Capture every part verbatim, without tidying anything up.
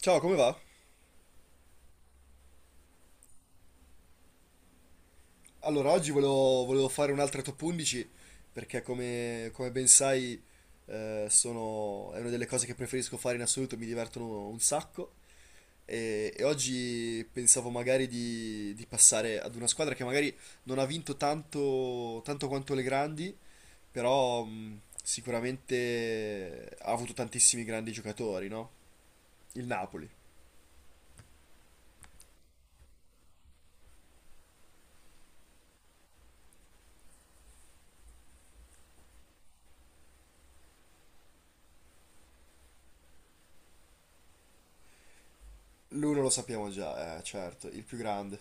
Ciao, come va? Allora, oggi volevo, volevo fare un'altra top undici perché come, come ben sai eh, sono- è una delle cose che preferisco fare in assoluto, mi divertono un sacco e, e oggi pensavo magari di, di passare ad una squadra che magari non ha vinto tanto, tanto quanto le grandi, però mh, sicuramente ha avuto tantissimi grandi giocatori, no? Il Napoli. L'uno lo sappiamo già, eh, certo, il più grande.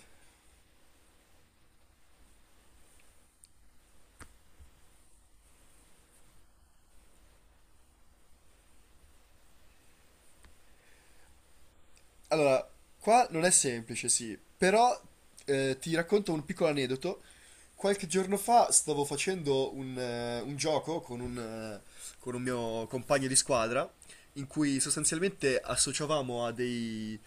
Allora, qua non è semplice, sì, però eh, ti racconto un piccolo aneddoto. Qualche giorno fa stavo facendo un, eh, un gioco con un, eh, con un mio compagno di squadra, in cui sostanzialmente associavamo a dei,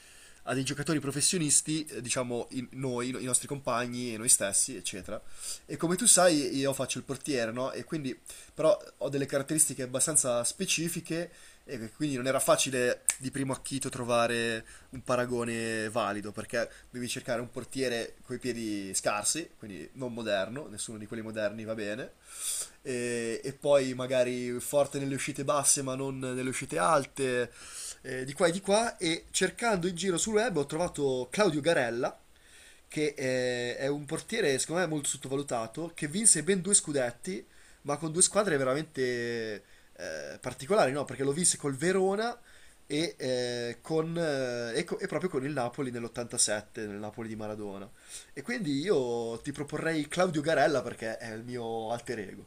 a dei giocatori professionisti, eh, diciamo in- noi, i nostri compagni e noi stessi, eccetera. E come tu sai, io faccio il portiere, no? E quindi, però, ho delle caratteristiche abbastanza specifiche e quindi non era facile di primo acchito trovare un paragone valido, perché devi cercare un portiere coi piedi scarsi, quindi non moderno, nessuno di quelli moderni va bene, e, e poi magari forte nelle uscite basse ma non delle uscite alte, eh, di qua e di qua, e cercando in giro sul web ho trovato Claudio Garella, che eh, è un portiere secondo me molto sottovalutato, che vinse ben due scudetti, ma con due squadre veramente eh, particolari, no? Perché lo vinse col Verona e, eh, con, eh, e co- e proprio con il Napoli nell'ottantasette, nel Napoli di Maradona. E quindi io ti proporrei Claudio Garella perché è il mio alter ego.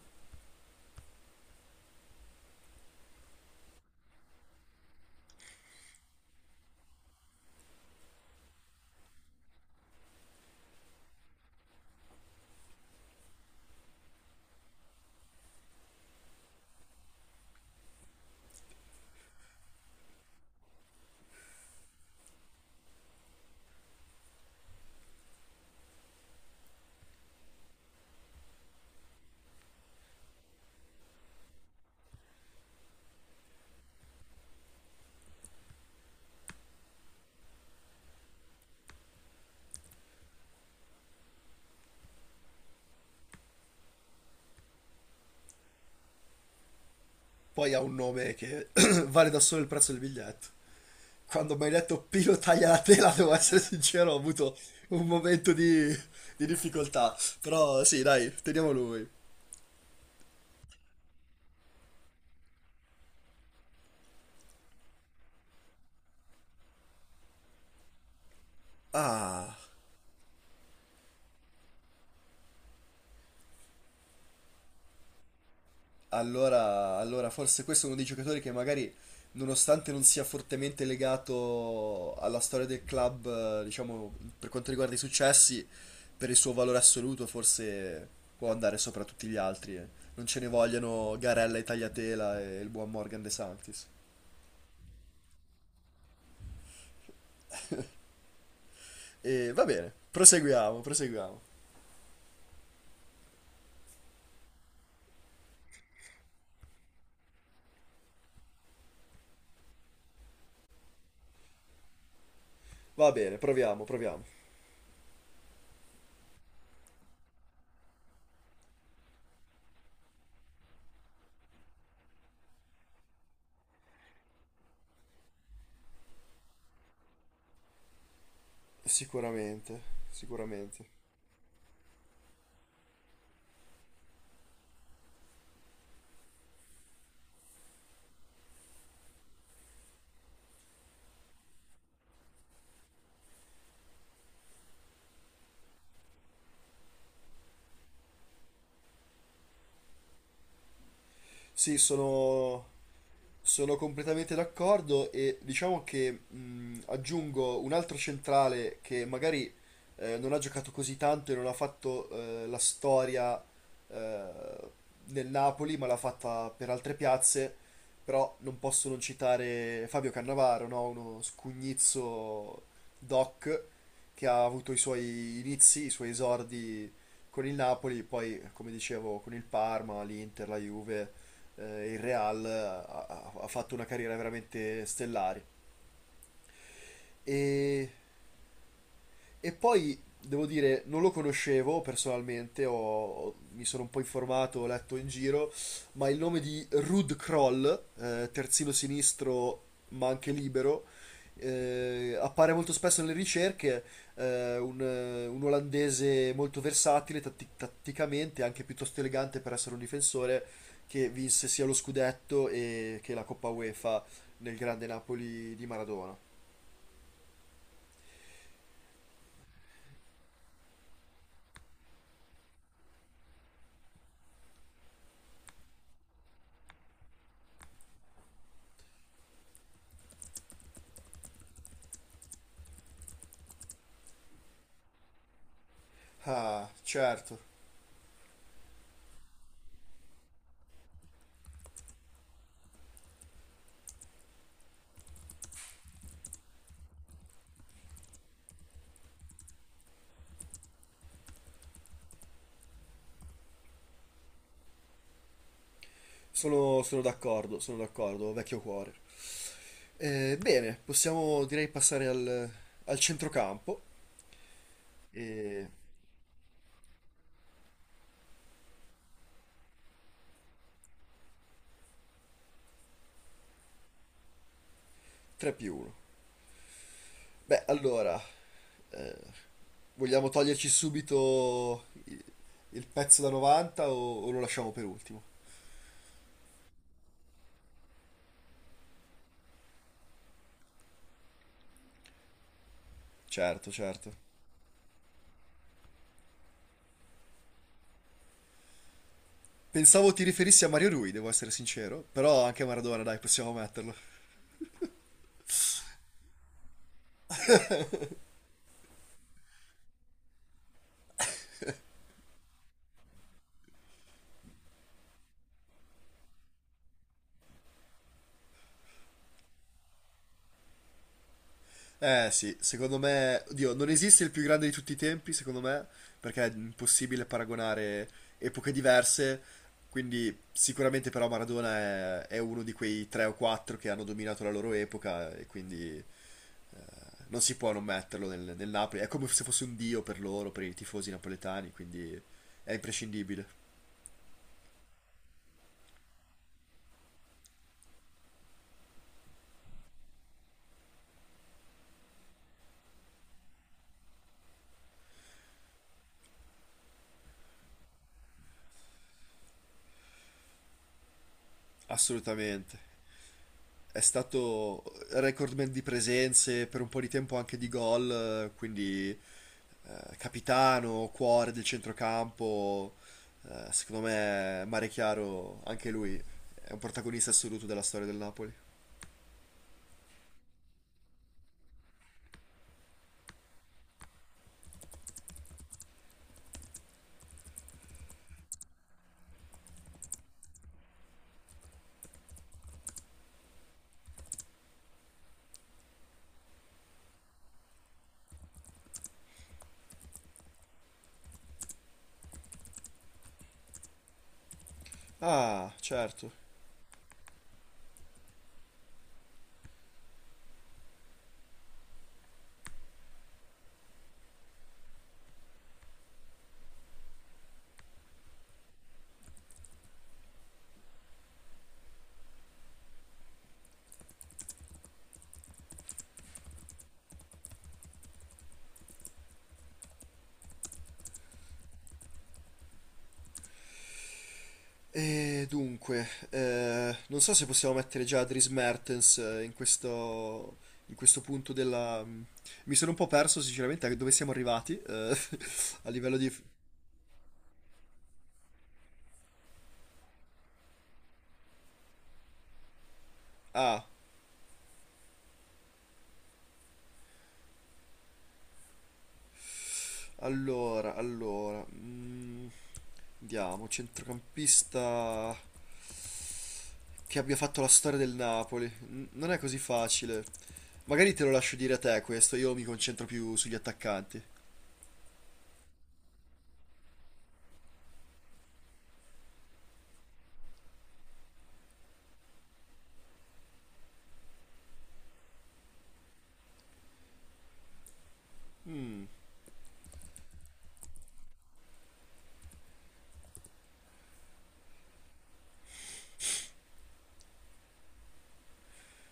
Poi ha un nome che vale da solo il prezzo del biglietto. Quando mi hai detto Pino taglia la tela, devo essere sincero, ho avuto un momento di, di difficoltà. Però sì, dai, teniamo lui. Ah, allora, allora forse questo è uno dei giocatori che magari, nonostante non sia fortemente legato alla storia del club, eh, diciamo, per quanto riguarda i successi, per il suo valore assoluto, forse può andare sopra tutti gli altri. eh. Non ce ne vogliono Garella e Tagliatela e il buon Morgan De Sanctis. E va bene, proseguiamo, proseguiamo. Va bene, proviamo, proviamo. Sicuramente, sicuramente. Sì, sono, sono completamente d'accordo e diciamo che mh, aggiungo un altro centrale che magari eh, non ha giocato così tanto e non ha fatto eh, la storia eh, nel Napoli, ma l'ha fatta per altre piazze, però non posso non citare Fabio Cannavaro, no? Uno scugnizzo doc che ha avuto i suoi inizi, i suoi esordi con il Napoli, poi come dicevo con il Parma, l'Inter, la Juve, eh, il Real, ha, ha fatto una carriera veramente stellare. E e poi devo dire, non lo conoscevo personalmente, ho- mi sono un po' informato, ho letto in giro, ma il nome di Rud Kroll, eh, terzino sinistro ma anche libero, eh, appare molto spesso nelle ricerche, eh, un, eh, un olandese molto versatile tatti- tatticamente, anche piuttosto elegante per essere un difensore, che vinse sia lo scudetto e che la Coppa UEFA nel grande Napoli di Maradona. Ah, certo. Sono, sono d'accordo, sono d'accordo, vecchio cuore. Eh, bene, possiamo direi passare al, al, centrocampo. E tre più uno. Beh, allora, eh, vogliamo toglierci subito il, il pezzo da novanta o, o lo lasciamo per ultimo? Certo, certo. Pensavo ti riferissi a Mario Rui, devo essere sincero, però anche Maradona, dai, possiamo metterlo. Eh sì, secondo me, oddio, non esiste il più grande di tutti i tempi, secondo me, perché è impossibile paragonare epoche diverse, quindi sicuramente però Maradona è, è uno di quei tre o quattro che hanno dominato la loro epoca e quindi eh, non si può non metterlo nel, nel Napoli, è come se fosse un dio per loro, per i tifosi napoletani, quindi è imprescindibile, assolutamente. È stato recordman di presenze, per un po' di tempo anche di gol, eh, quindi eh, capitano, cuore del centrocampo. Eh, secondo me Mare Chiaro, anche lui, è un protagonista assoluto della storia del Napoli. Ah, certo. E dunque, eh, non so se possiamo mettere già Dries Mertens eh, in questo, in questo punto della... mm, Mi sono un po' perso sinceramente a dove siamo arrivati eh, a livello di... Ah, Allora, allora, mm, vediamo, centrocampista che abbia fatto la storia del Napoli. N- non è così facile. Magari te lo lascio dire a te questo, io mi concentro più sugli attaccanti.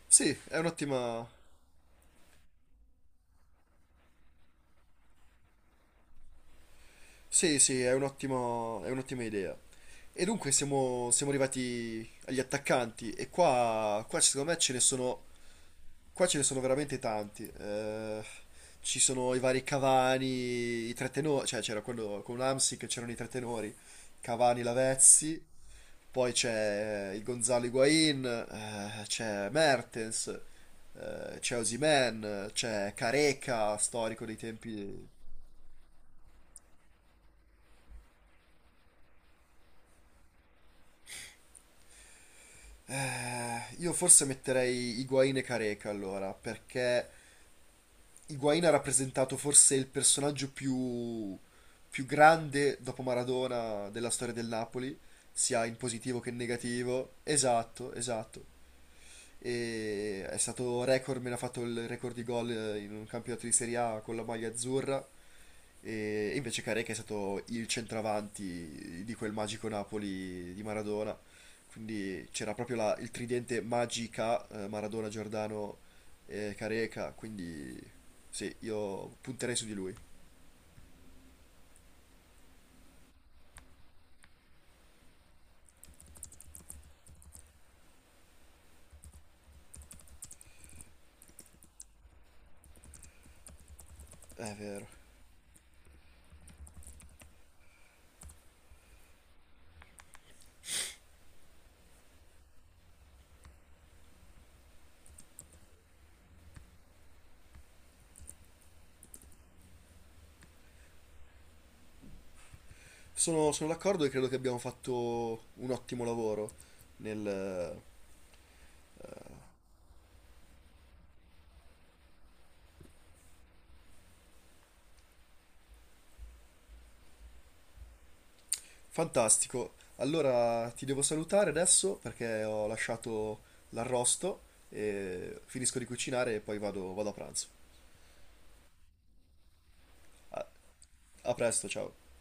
Sì, è un'ottima... Sì, sì, è un'ottima è un'ottima idea. E dunque siamo, siamo arrivati agli attaccanti e qua, qua secondo me ce ne sono. Qua ce ne sono veramente tanti. Eh, ci sono i vari Cavani, i tre tenori, cioè c'era quello con l'Amsic, c'erano i tre tenori, Cavani, Lavezzi, poi c'è il Gonzalo Higuain, eh, c'è Mertens, eh, c'è Osimhen, c'è Careca, storico dei tempi... Eh, io forse metterei Higuain e Careca allora, perché Higuain ha rappresentato forse il personaggio più, più grande dopo Maradona della storia del Napoli, sia in positivo che in negativo. Esatto, esatto, e è stato record, me l'ha fatto il record di gol eh, in un campionato di Serie A con la maglia azzurra, e invece Careca è stato il centravanti di quel magico Napoli di Maradona. Quindi c'era proprio la- il tridente magica, eh, Maradona, Giordano e Careca, quindi sì, io punterei su di lui. È vero. Sono, sono d'accordo e credo che abbiamo fatto un ottimo lavoro nel. Fantastico. Allora ti devo salutare adesso perché ho lasciato l'arrosto e finisco di cucinare e poi vado, vado a pranzo. a a presto, ciao.